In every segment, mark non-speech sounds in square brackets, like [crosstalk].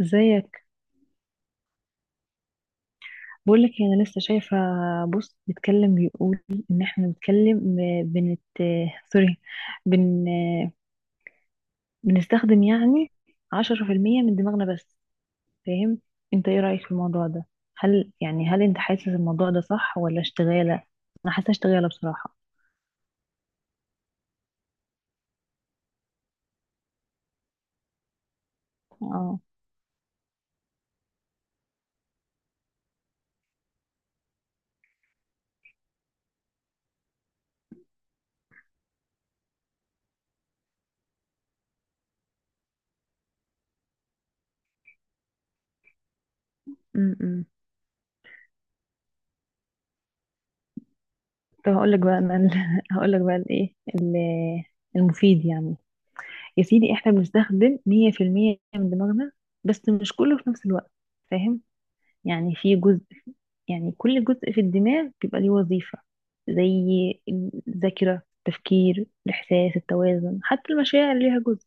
ازيك. بقول لك انا لسه شايفه بوست بيتكلم، بيقول ان احنا بنتكلم، بنت سوري بن بنستخدم يعني 10% من دماغنا بس. فاهم؟ انت ايه رأيك في الموضوع ده؟ هل انت حاسس الموضوع ده صح ولا اشتغالة؟ انا حاسه اشتغالة بصراحة. اه. امم طب هقول لك بقى انا [laughs] هقول لك بقى المفيد يعني. يا سيدي احنا بنستخدم 100% من دماغنا، بس مش كله في نفس الوقت. فاهم؟ يعني في جزء، يعني كل جزء في الدماغ بيبقى ليه وظيفة، زي الذاكرة التفكير الإحساس التوازن، حتى المشاعر ليها جزء.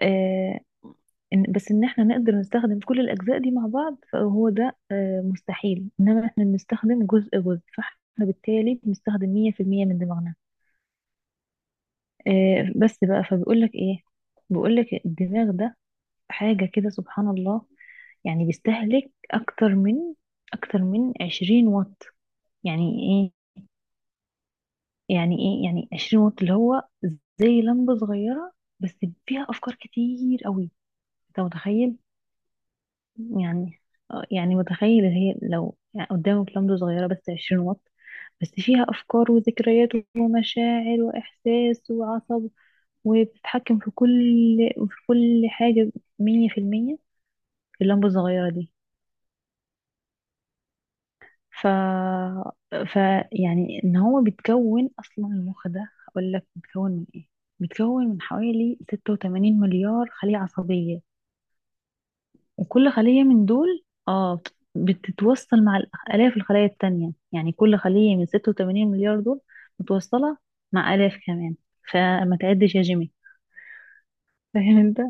آه. بس إن احنا نقدر نستخدم كل الأجزاء دي مع بعض فهو ده آه مستحيل، إنما احنا بنستخدم جزء جزء، فاحنا بالتالي بنستخدم 100% من دماغنا. آه بس بقى فبيقولك إيه، بيقولك الدماغ ده حاجة كده سبحان الله. يعني بيستهلك أكتر من 20 واط. يعني إيه؟ يعني إيه يعني 20 واط؟ اللي هو زي لمبة صغيرة بس فيها أفكار كتير قوي. أنت متخيل؟ يعني آه، يعني متخيل اللي هي لو يعني قدامك لمبة صغيرة بس 20 واط، بس فيها أفكار وذكريات ومشاعر وإحساس وعصب، وبتتحكم في كل حاجة 100% في اللمبة الصغيرة دي. ف... ف يعني ان هو بيتكون اصلا، المخ ده هقول لك بيتكون من ايه، بيتكون من حوالي 86 مليار خلية عصبية، وكل خلية من دول بتتوصل مع الاف الخلايا التانية. يعني كل خلية من 86 مليار دول متوصلة مع الاف كمان. فما تعدش يا جيمي. [laughs] فاهم انت.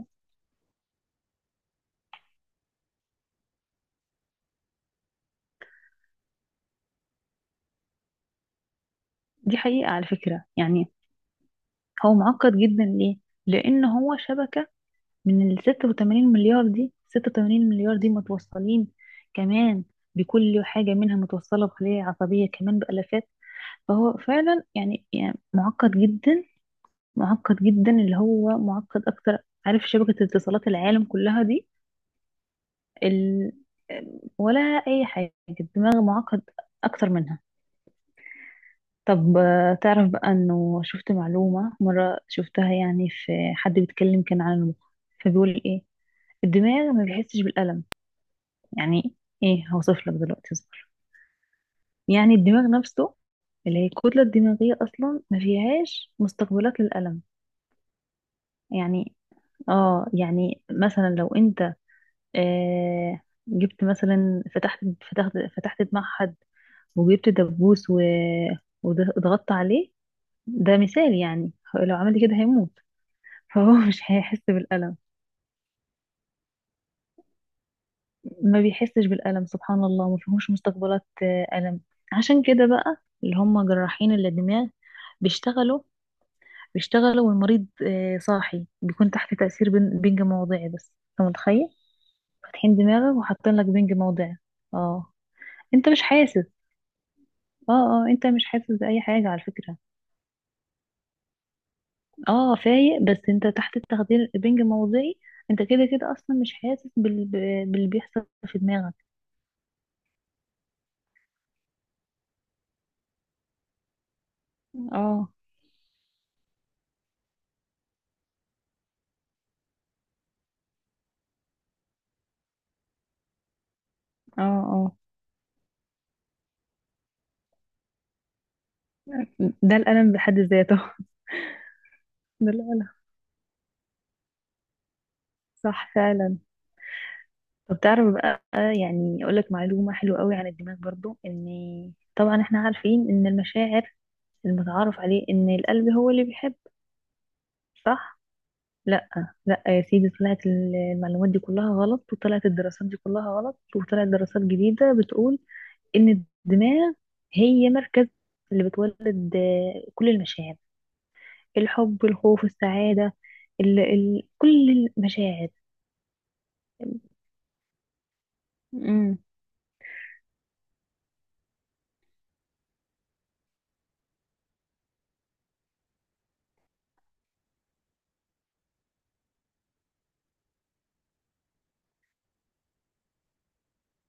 دي حقيقة على فكرة يعني. هو معقد جدا ليه؟ لان هو شبكة من ال 86 مليار دي. 86 مليار دي متوصلين كمان، بكل حاجة منها متوصلة بخلايا عصبية كمان بألافات. فهو فعلا يعني، يعني معقد جدا، معقد جدا، اللي هو معقد أكتر. عارف شبكة اتصالات العالم كلها دي؟ ال... ولا أي حاجة. الدماغ معقد أكتر منها. طب آه، تعرف بقى إنه شفت معلومة مرة، شفتها يعني في حد بيتكلم كان عن المخ، فبيقول إيه، الدماغ ما بيحسش بالألم. يعني ايه؟ هوصف لك دلوقتي اصبر. يعني الدماغ نفسه اللي هي الكتلة الدماغية أصلا ما فيهاش مستقبلات للألم. يعني اه، يعني مثلا لو انت آه جبت مثلا فتحت فتحت دماغ حد، وجبت دبوس وضغطت عليه، ده مثال يعني، لو عمل كده هيموت. فهو [laughs] مش هيحس بالألم. ما بيحسش بالألم سبحان الله، ما فيهوش مستقبلات آه، ألم. عشان كده بقى، اللي هم جراحين الدماغ بيشتغلوا بيشتغلوا، والمريض آه، صاحي، بيكون تحت تأثير بنج موضعي بس. انت متخيل؟ فاتحين دماغك وحاطين لك بنج موضعي. اه انت مش حاسس. اه اه انت مش حاسس بأي حاجة على فكرة. اه فايق بس انت تحت التخدير بنج موضعي. انت كده كده اصلا مش حاسس باللي بيحصل في دماغك. اه اه اه، ده الألم بحد ذاته. بالعلا. صح فعلا. طب تعرف بقى يعني اقول لك معلومة حلوة قوي عن الدماغ برضو ان، طبعا احنا عارفين ان المشاعر المتعارف عليه ان القلب هو اللي بيحب. صح. لا. لا يا سيدي، طلعت المعلومات دي كلها غلط، وطلعت الدراسات دي كلها غلط، وطلعت دراسات جديدة بتقول ان الدماغ هي مركز اللي بتولد آه، كل المشاعر، الحب الخوف السعادة، ال كل المشاعر. مم.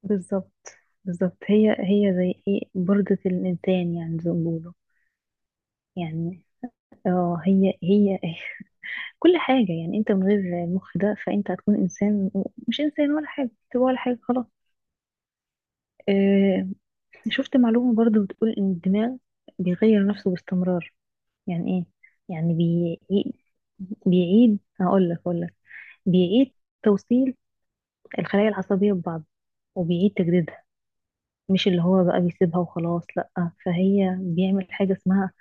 بالظبط، بالظبط هي هي زي ايه بردة الإنسان، يعني زي ما بيقولوا، يعني اه هي هي [laughs] كل حاجة. يعني انت من غير المخ ده فانت هتكون انسان، مش انسان ولا حاجة، تبقى ولا حاجة خلاص. اه. شفت معلومة برضو بتقول ان الدماغ بيغير نفسه باستمرار. يعني ايه؟ يعني بيعيد هقول لك اقول لك بيعيد توصيل الخلايا العصبية ببعض، وبيعيد تجديدها. مش اللي هو بقى بيسيبها وخلاص، لأ. فهي بيعمل حاجة اسمها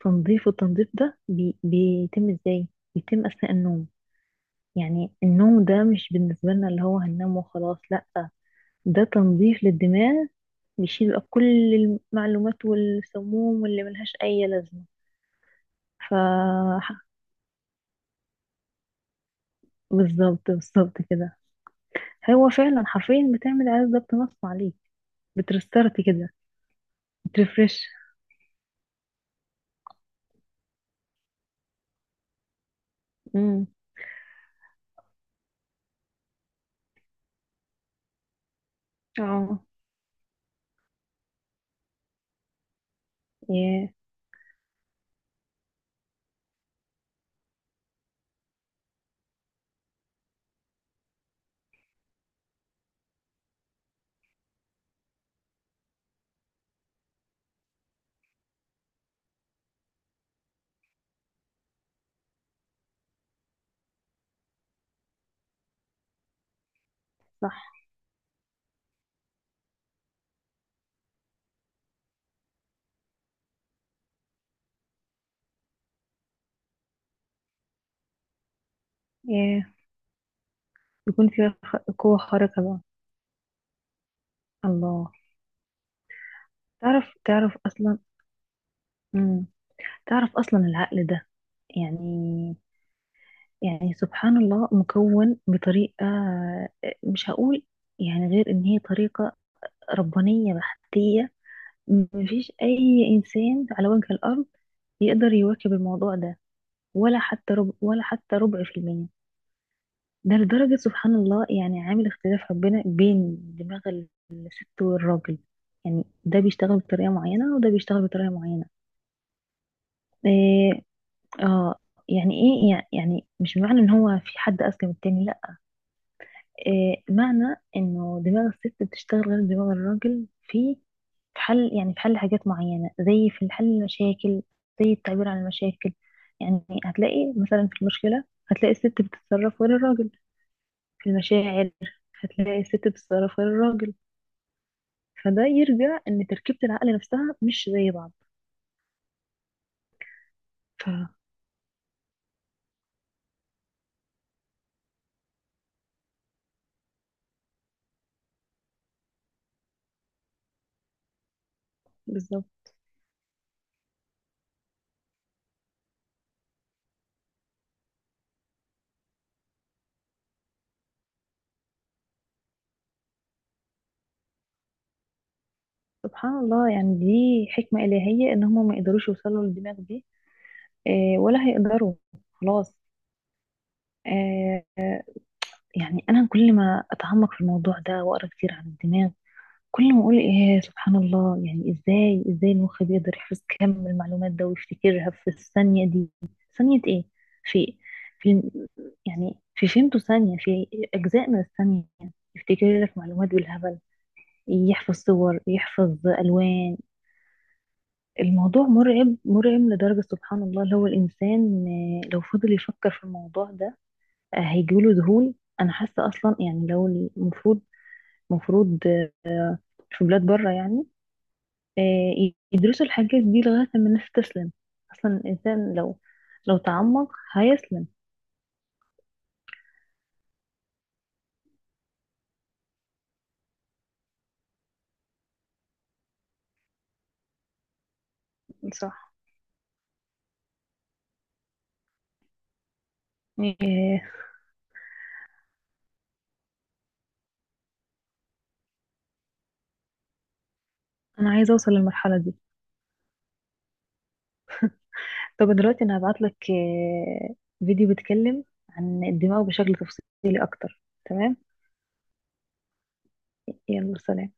تنظيف، والتنظيف ده بيتم ازاي؟ بيتم أثناء النوم. يعني النوم ده مش بالنسبة لنا اللي هو هننام وخلاص لأ، ده تنظيف للدماغ. بيشيل بقى كل المعلومات والسموم واللي ملهاش أي لازمة. ف بالظبط، بالظبط كده. هو فعلا حرفيا بتعمل إعادة ضبط نفس عليك، بترستارت كده، بترفرش. امم. اه. ياه. صح. ياه. يكون فيها قوة خارقة بقى. الله. تعرف أصلا. مم. تعرف أصلا العقل ده يعني، يعني سبحان الله مكون بطريقة آه، مش هقول يعني غير إن هي طريقة ربانية بحتية. مفيش أي إنسان على وجه الأرض يقدر يواكب الموضوع ده، ولا حتى ربع، ولا حتى ربع في المية. ده لدرجة سبحان الله، يعني عامل اختلاف ربنا بين دماغ الست والراجل. يعني ده بيشتغل بطريقة معينة وده بيشتغل بطريقة معينة. إيه. اه. يعني ايه، يعني مش معنى ان هو في حد اذكى من التاني، لا. إيه معنى انه دماغ الست بتشتغل غير دماغ الراجل؟ في، في حل، يعني في حل حاجات معينة، زي في حل المشاكل، زي التعبير عن المشاكل. يعني هتلاقي مثلا في المشكلة هتلاقي الست بتتصرف غير الراجل، في المشاعر هتلاقي الست بتتصرف غير الراجل. فده يرجع ان تركيبة العقل نفسها مش زي بعض. ف بالظبط. سبحان الله يعني، دي حكمة إلهية ان هما ما يقدروش يوصلوا للدماغ دي آه، ولا هيقدروا خلاص. آه، يعني انا كل ما اتعمق في الموضوع ده واقرا كتير عن الدماغ، كل ما اقول ايه سبحان الله. يعني ازاي ازاي المخ بيقدر يحفظ كم المعلومات ده ويفتكرها في الثانية دي؟ ثانية ايه، في في يعني في فيمتو ثانية، في اجزاء من الثانية، يفتكر لك معلومات بالهبل، يحفظ صور يحفظ الوان. الموضوع مرعب مرعب لدرجة سبحان الله. لو الانسان آه، لو فضل يفكر في الموضوع ده آه، هيجيله ذهول. انا حاسة اصلا يعني لو المفروض، مفروض في بلاد بره يعني آه، يدرسوا الحاجات دي لغاية لما الناس تسلم. أصلا الإنسان لو تعمق هيسلم. صح يعني. أنا عايزة أوصل للمرحلة دي. طب دلوقتي أنا هبعتلك آه، فيديو بيتكلم عن الدماغ بشكل تفصيلي أكتر. تمام. يلا سلام.